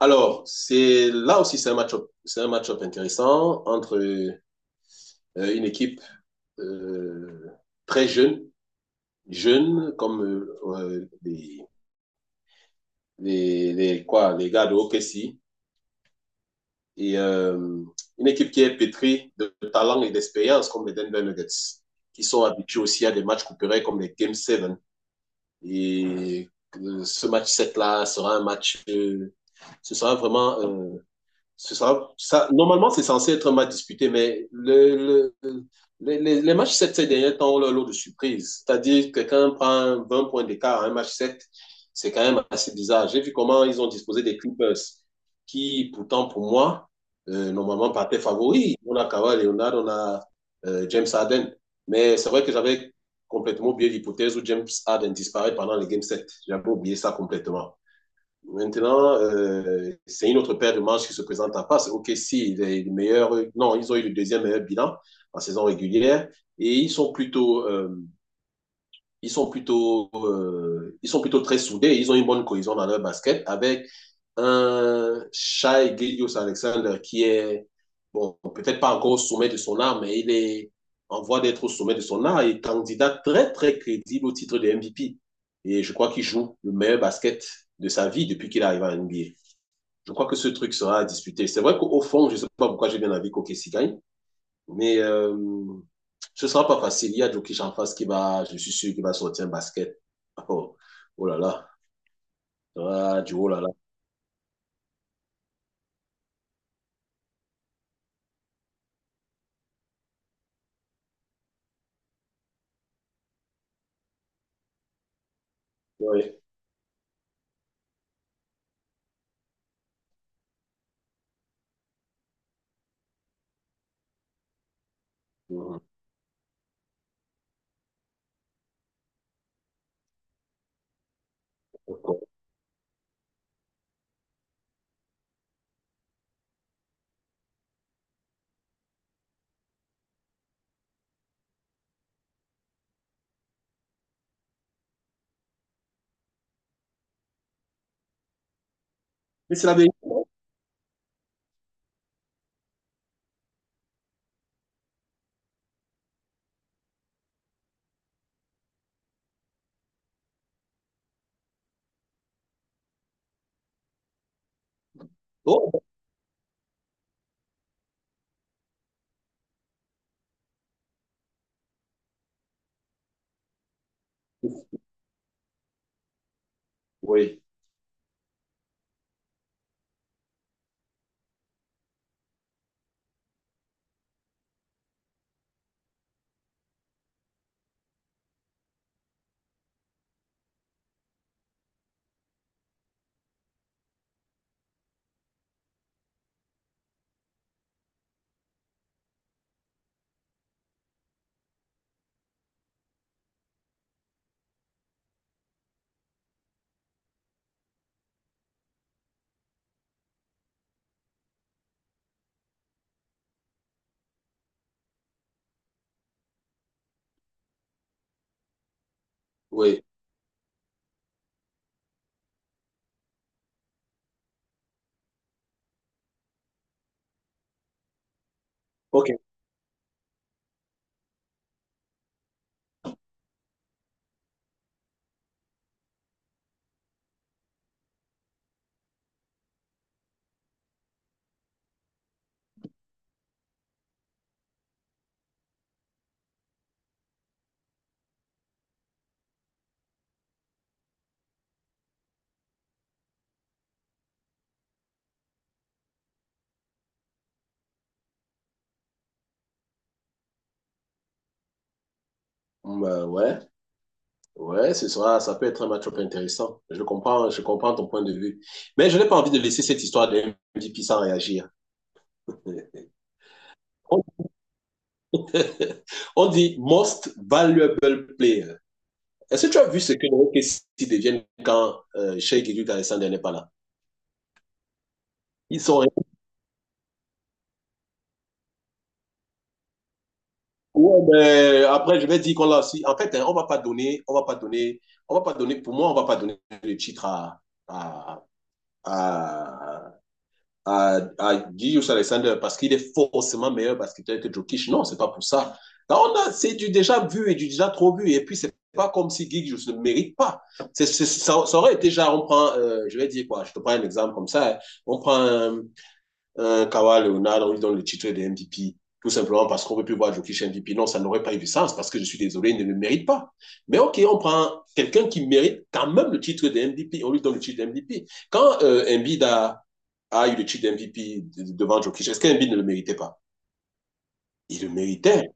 Alors, c'est là aussi c'est un match-up intéressant entre une équipe euh, très jeune, jeune comme les gars de OKC et une équipe qui est pétrie de talent et d'expérience comme les Denver Nuggets, qui sont habitués aussi à des matchs couperets comme les Game 7. Et ce match 7 là sera un match, ce sera vraiment euh, normalement, c'est censé être un match disputé, mais les matchs 7 ces derniers temps ont leur lot de surprises. C'est-à-dire que quand on prend 20 points d'écart à un match sept. C'est quand même assez bizarre. J'ai vu comment ils ont disposé des Clippers, qui pourtant, pour moi, normalement partaient favoris. On a Kawhi Leonard, on a James Harden. Mais c'est vrai que j'avais complètement oublié l'hypothèse où James Harden disparaît pendant les Game 7. J'avais oublié ça complètement. Maintenant, c'est une autre paire de manches qui se présente à Passe. Ok, si, les meilleurs, non, ils ont eu le deuxième meilleur bilan en saison régulière et ils sont plutôt très soudés. Ils ont une bonne cohésion dans leur basket avec un Shai Gilgeous Alexander qui est, bon, peut-être pas encore au sommet de son art, mais il est en voie d'être au sommet de son art et candidat très, très crédible au titre de MVP. Et je crois qu'il joue le meilleur basket de sa vie depuis qu'il arrive à NBA. Je crois que ce truc sera à disputer. C'est vrai qu'au fond, je ne sais pas pourquoi j'ai bien envie qu'Okessi gagne, mais ce ne sera pas facile. Il y a Djokic en face qui va, je suis sûr, qui va sortir un basket. Oh, oh là là, ah, du oh là là. Oui. Mhm. Mais c'est la vérité. Oh, oui, oui. Ok. Bah, ouais, ouais, ça peut être un match-up intéressant. Je comprends ton point de vue. Mais je n'ai pas envie de laisser cette histoire de MVP sans réagir. On, on dit most valuable player. Est-ce que tu as vu ce que les Kessie deviennent quand Sheikh Edu Alexander n'est pas là? Ils sont. Ouais, mais après, je vais dire qu'on l'a aussi. En fait, hein, on va pas donner, pour moi, on ne va pas donner le titre à, à, à Gilles Alexander parce qu'il est forcément meilleur basketteur que Jokic. Non, c'est pas pour ça. Là, c'est du déjà vu et du déjà trop vu. Et puis, c'est pas comme si Gigius ne mérite pas. Ça aurait été déjà, je vais dire quoi, je te prends un exemple comme ça. Hein. On prend un Kawhi Leonard, on lui donne le titre de MVP, tout simplement parce qu'on ne veut plus voir Jokic MVP. Non, ça n'aurait pas eu de sens parce que je suis désolé, il ne le mérite pas. Mais OK, on prend quelqu'un qui mérite quand même le titre de MVP, on lui donne le titre de MVP. Quand Embiid a eu le titre de MVP devant Jokic, est-ce qu'Embiid ne le méritait pas? Il le méritait.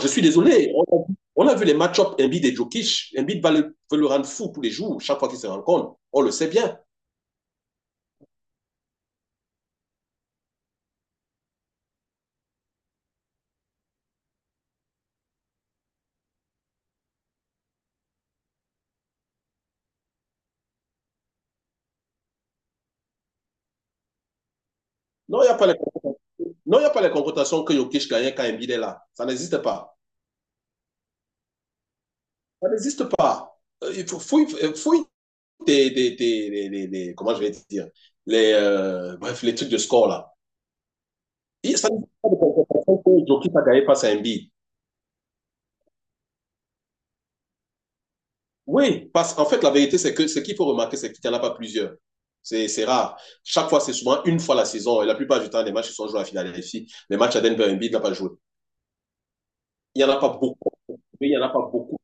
Je suis désolé. On a vu les match-ups Embiid et Jokic. Embiid veut le rendre fou tous les jours, chaque fois qu'ils se rencontrent. On le sait bien. Non, il n'y a pas les confrontations. Non, il n'y a pas les confrontations que Jokic gagne quand Embiid est là. Ça n'existe pas. Ça n'existe pas. Il faut fouille comment je vais dire, bref, les trucs de score là. Et ça ne pas de compensation que Jokic a gagné passe à Embiid. Oui, parce qu'en fait, la vérité, c'est que ce qu'il faut remarquer, c'est qu'il n'y en a pas plusieurs. C'est rare. Chaque fois, c'est souvent une fois la saison. Et la plupart du temps, les matchs qui sont joués à la finale Philadelphie, les matchs à Denver, Embiid n'a pas joué. Il n'y en a pas beaucoup. Mais il n'y en a pas beaucoup.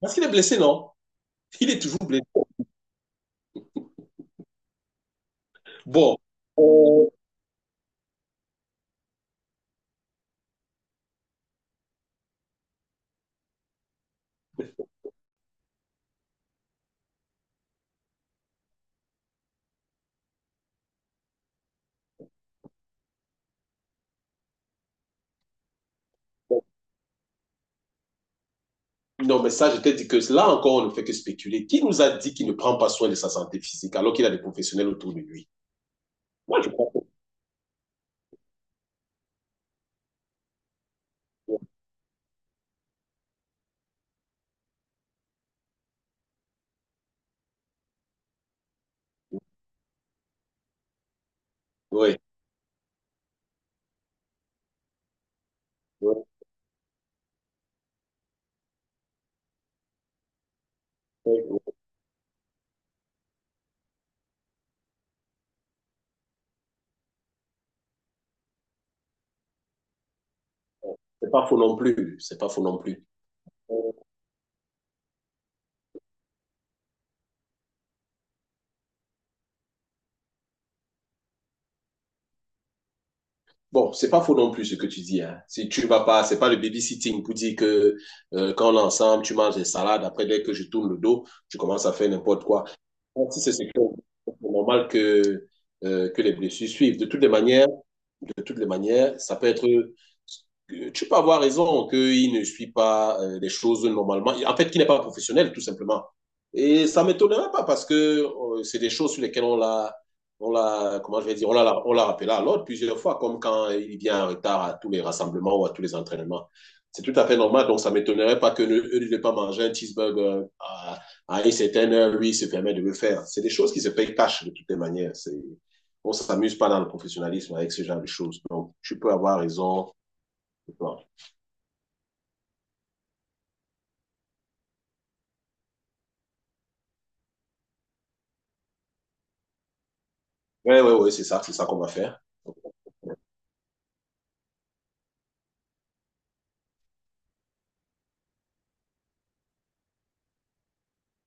Parce qu'il est blessé, non? Il est toujours blessé. Bon. euh, non, mais ça, je t'ai dit que là encore, on ne fait que spéculer. Qui nous a dit qu'il ne prend pas soin de sa santé physique alors qu'il a des professionnels autour de lui? Moi, je crois que oui. Oui. C'est pas faux non plus. C'est pas faux non plus. Bon, c'est pas faux non plus ce que tu dis. Hein. Si tu vas pas, c'est pas le babysitting pour dire que quand on est ensemble, tu manges des salades. Après, dès que je tourne le dos, tu commences à faire n'importe quoi. Bon, Si c'est ce que- c'est normal que les blessures suivent. De toutes les manières, ça peut être. Tu peux avoir raison qu'il ne suit pas les choses normalement. En fait, qu'il n'est pas professionnel, tout simplement. Et ça ne m'étonnerait pas parce que c'est des choses sur lesquelles on l'a. On l'a, comment je vais dire, on l'a rappelé à l'ordre plusieurs fois, comme quand il vient en retard à tous les rassemblements ou à tous les entraînements. C'est tout à fait normal, donc ça ne m'étonnerait pas que ne, eux ne pas manger un cheeseburger à une certaine heure, lui, il se permet de le faire. C'est des choses qui se payent cash de toutes les manières. On s'amuse pas dans le professionnalisme avec ce genre de choses. Donc, tu peux avoir raison. Oui, oui, oui, c'est ça qu'on va faire.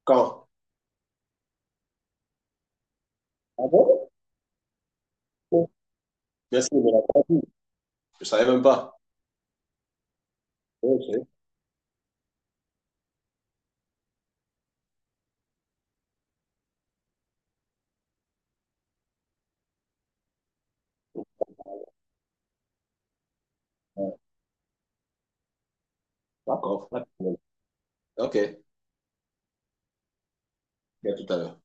Quand? Ah bon? Oh, merci de la partie. Je savais même pas. Ok, d'accord. Ok, à tout à l'heure.